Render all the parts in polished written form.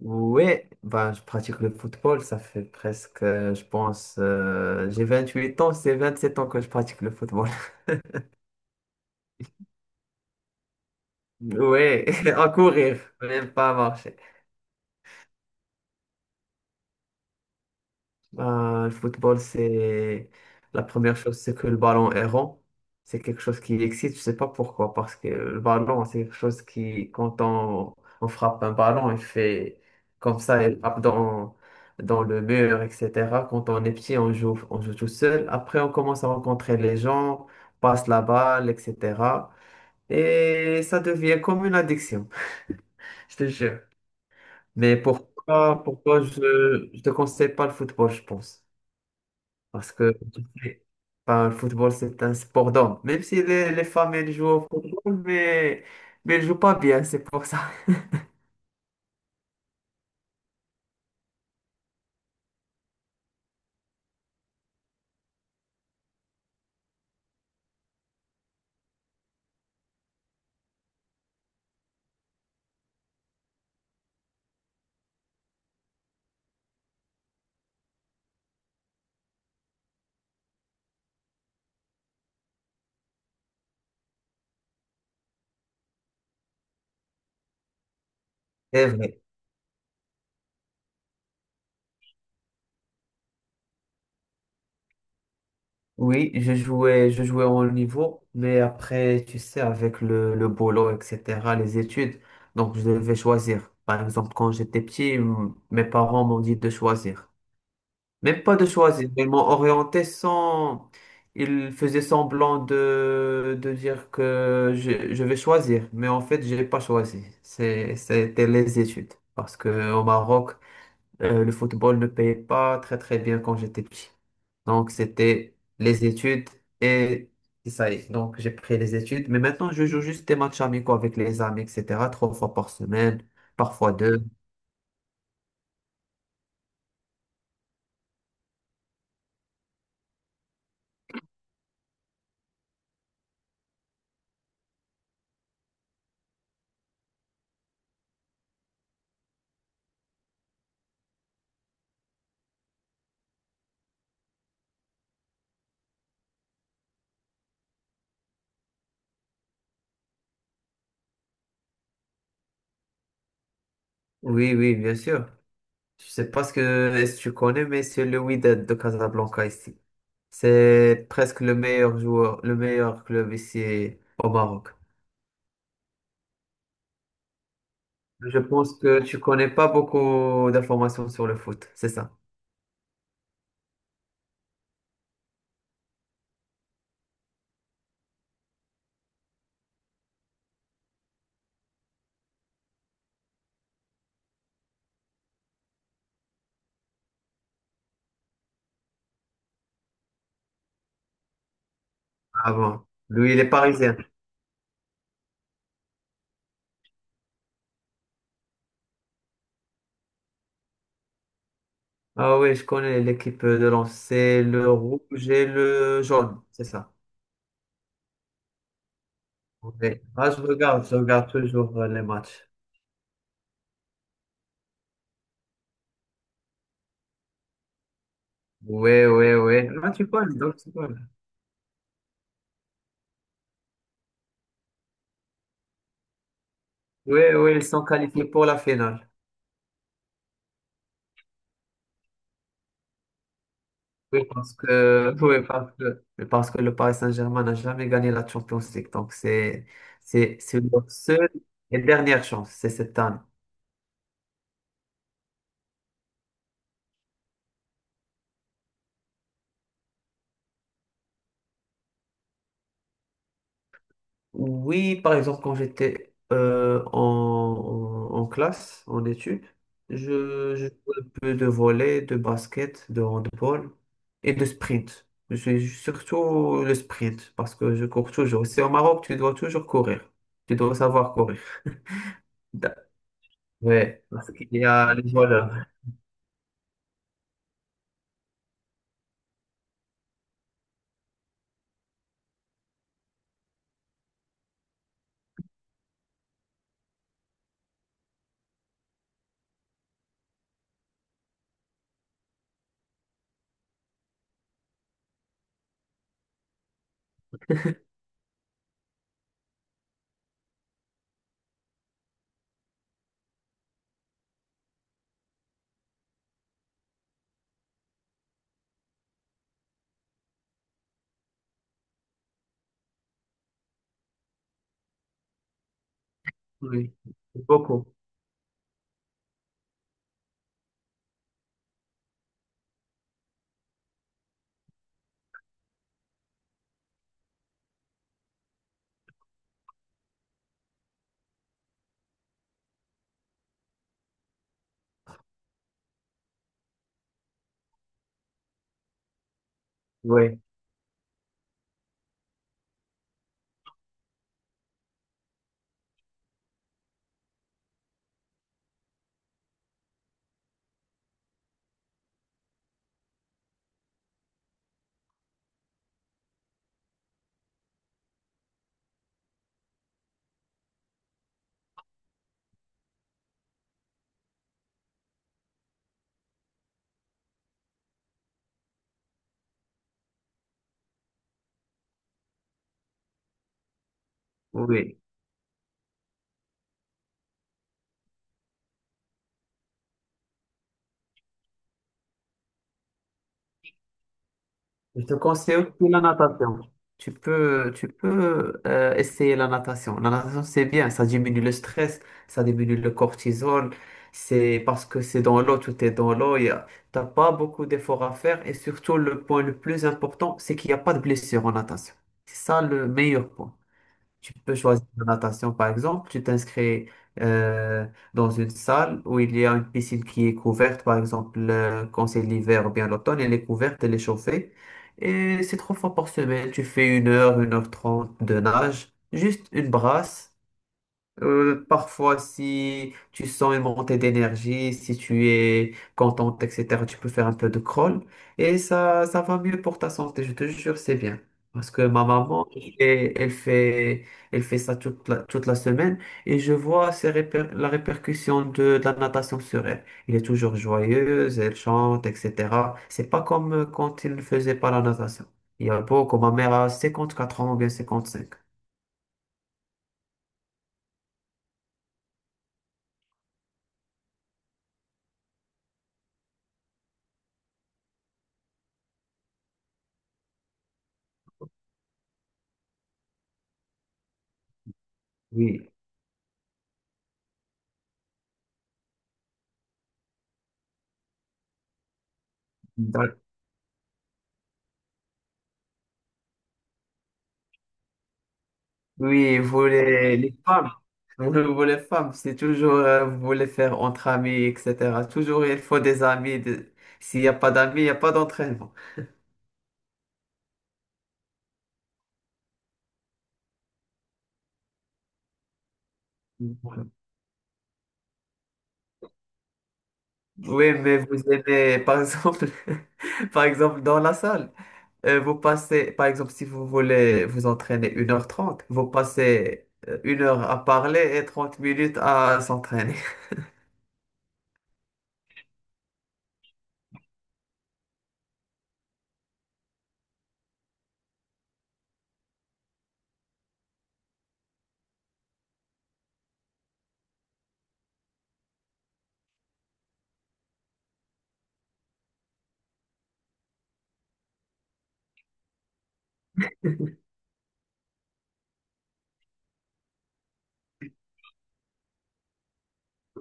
Ouais, bah, je pratique le football, ça fait presque, je pense, j'ai 28 ans, c'est 27 ans que je pratique le football. Ouais, à courir, même pas à marcher. Ben, le football, c'est la première chose, c'est que le ballon est rond. C'est quelque chose qui excite, je sais pas pourquoi, parce que le ballon, c'est quelque chose qui, quand on frappe un ballon, il fait comme ça, il frappe dans le mur, etc. Quand on est petit, on joue tout seul. Après, on commence à rencontrer les gens, passe la balle, etc. Et ça devient comme une addiction, je te jure. Mais pourquoi je ne te conseille pas le football, je pense. Parce que enfin, le football, c'est un sport d'homme. Même si les femmes, elles jouent au football, mais elles jouent pas bien, c'est pour ça. C'est vrai. Oui, je jouais au haut niveau, mais après, tu sais, avec le boulot, etc., les études, donc je devais choisir. Par exemple, quand j'étais petit, mes parents m'ont dit de choisir. Même pas de choisir. Ils m'ont orienté sans. Ils faisaient semblant de dire que je vais choisir. Mais en fait, je n'ai pas choisi. C'était les études. Parce que au Maroc, le football ne payait pas très très bien quand j'étais petit. Donc, c'était les études et et ça y est. Donc, j'ai pris les études. Mais maintenant, je joue juste des matchs amicaux avec les amis, etc. Trois fois par semaine, parfois deux. Oui, oui, bien sûr. Je sais pas ce que est-ce que tu connais, mais c'est le Wydad de Casablanca ici. C'est presque le meilleur joueur, le meilleur club ici au Maroc. Je pense que tu connais pas beaucoup d'informations sur le foot, c'est ça. Ah bon. Lui, il est parisien. Ah oui, je connais l'équipe de Lens. C'est le rouge et le jaune, c'est ça. Ouais. Ah, je regarde toujours les matchs. Oui, oui, oui. Non, tu connais, donc tu connais. Oui, oui, ils sont qualifiés pour la finale. Oui, parce que, oui, parce que le Paris Saint-Germain n'a jamais gagné la Champions League. Donc, c'est leur seule et dernière chance, c'est cette année. Oui, par exemple, quand j'étais en classe, en études, je jouais un peu de volley, de basket, de handball et de sprint. Je suis surtout le sprint parce que je cours toujours. C'est au Maroc, tu dois toujours courir. Tu dois savoir courir. Da- Ouais, parce qu'il y a les voleurs. Oui, beaucoup. Oui, oui. Je te conseille aussi la natation. Tu peux essayer la natation. La natation, c'est bien. Ça diminue le stress, ça diminue le cortisol. C'est parce que c'est dans l'eau, tout est dans l'eau. Tu n'as pas beaucoup d'efforts à faire. Et surtout, le point le plus important, c'est qu'il n'y a pas de blessure en natation. C'est ça le meilleur point. Tu peux choisir la natation, par exemple. Tu t'inscris euh, dans une salle où il y a une piscine qui est couverte, par exemple, quand c'est l'hiver ou bien l'automne, elle est couverte, elle est chauffée. Et c'est trois fois par semaine. Tu fais une heure, 1 h 30 de nage, juste une brasse. Parfois, si tu sens une montée d'énergie, si tu es contente, etc., tu peux faire un peu de crawl et ça va mieux pour ta santé, je te jure, c'est bien. Parce que ma maman, elle fait ça toute toute la semaine et je vois la répercussion de la natation sur elle. Elle est toujours joyeuse, elle chante, etc. C'est pas comme quand elle ne faisait pas la natation. Il y a beaucoup, ma mère a 54 ans ou bien 55. Oui. Oui, vous, vous les femmes, c'est toujours, vous voulez faire entre amis, etc. Toujours, il faut des amis. S'il n'y a pas d'amis, il n'y a pas d'entraînement. Voilà. Oui, mais vous aimez, par exemple, par exemple, dans la salle, vous passez, par exemple, si vous voulez vous entraîner 1 h 30, vous passez 1 heure à parler et 30 minutes à s'entraîner.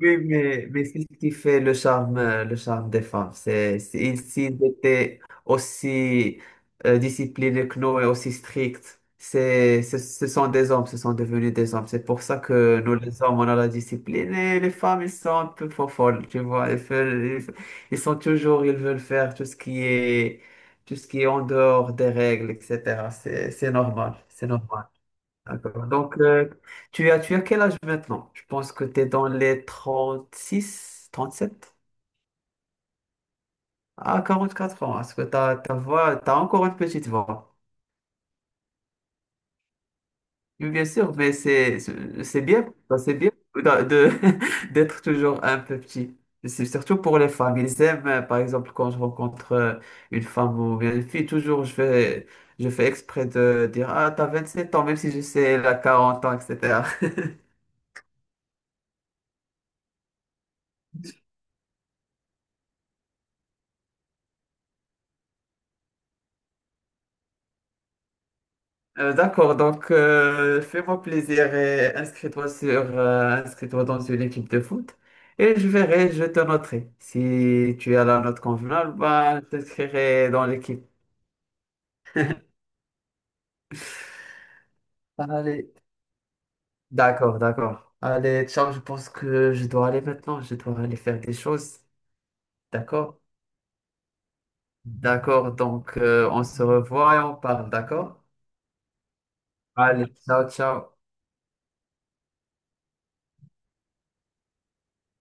Oui, mais c'est ce qui fait le charme des femmes. S'ils étaient aussi disciplinés que nous et aussi stricts, c'est, ce sont des hommes, ce sont devenus des hommes. C'est pour ça que nous, les hommes, on a la discipline et les femmes, ils sont un peu folles, tu vois. Ils sont toujours, ils veulent faire tout ce qui est, tout ce qui est en dehors des règles, etc. C'est normal, c'est normal. D'accord. Donc, tu as quel âge maintenant? Je pense que tu es dans les 36, 37 à 44 ans. Est-ce que ta voix, tu as encore une petite voix? Oui, bien sûr, mais c'est bien d'être toujours un peu petit. C'est surtout pour les femmes. Ils aiment, par exemple, quand je rencontre une femme ou bien une fille, toujours je fais exprès de dire, ah, t'as 27 ans, même si je sais, la 40 ans, etc. D'accord, donc fais-moi plaisir et inscris-toi dans une équipe de foot et je verrai, je te noterai. Si tu as la note convenable, bah, je t'inscrirai dans l'équipe. Allez, d'accord, d'accord. Allez, ciao. Je pense que je dois aller maintenant, je dois aller faire des choses. D'accord? D'accord, donc on se revoit et on parle, d'accord? Allez, ciao, ciao.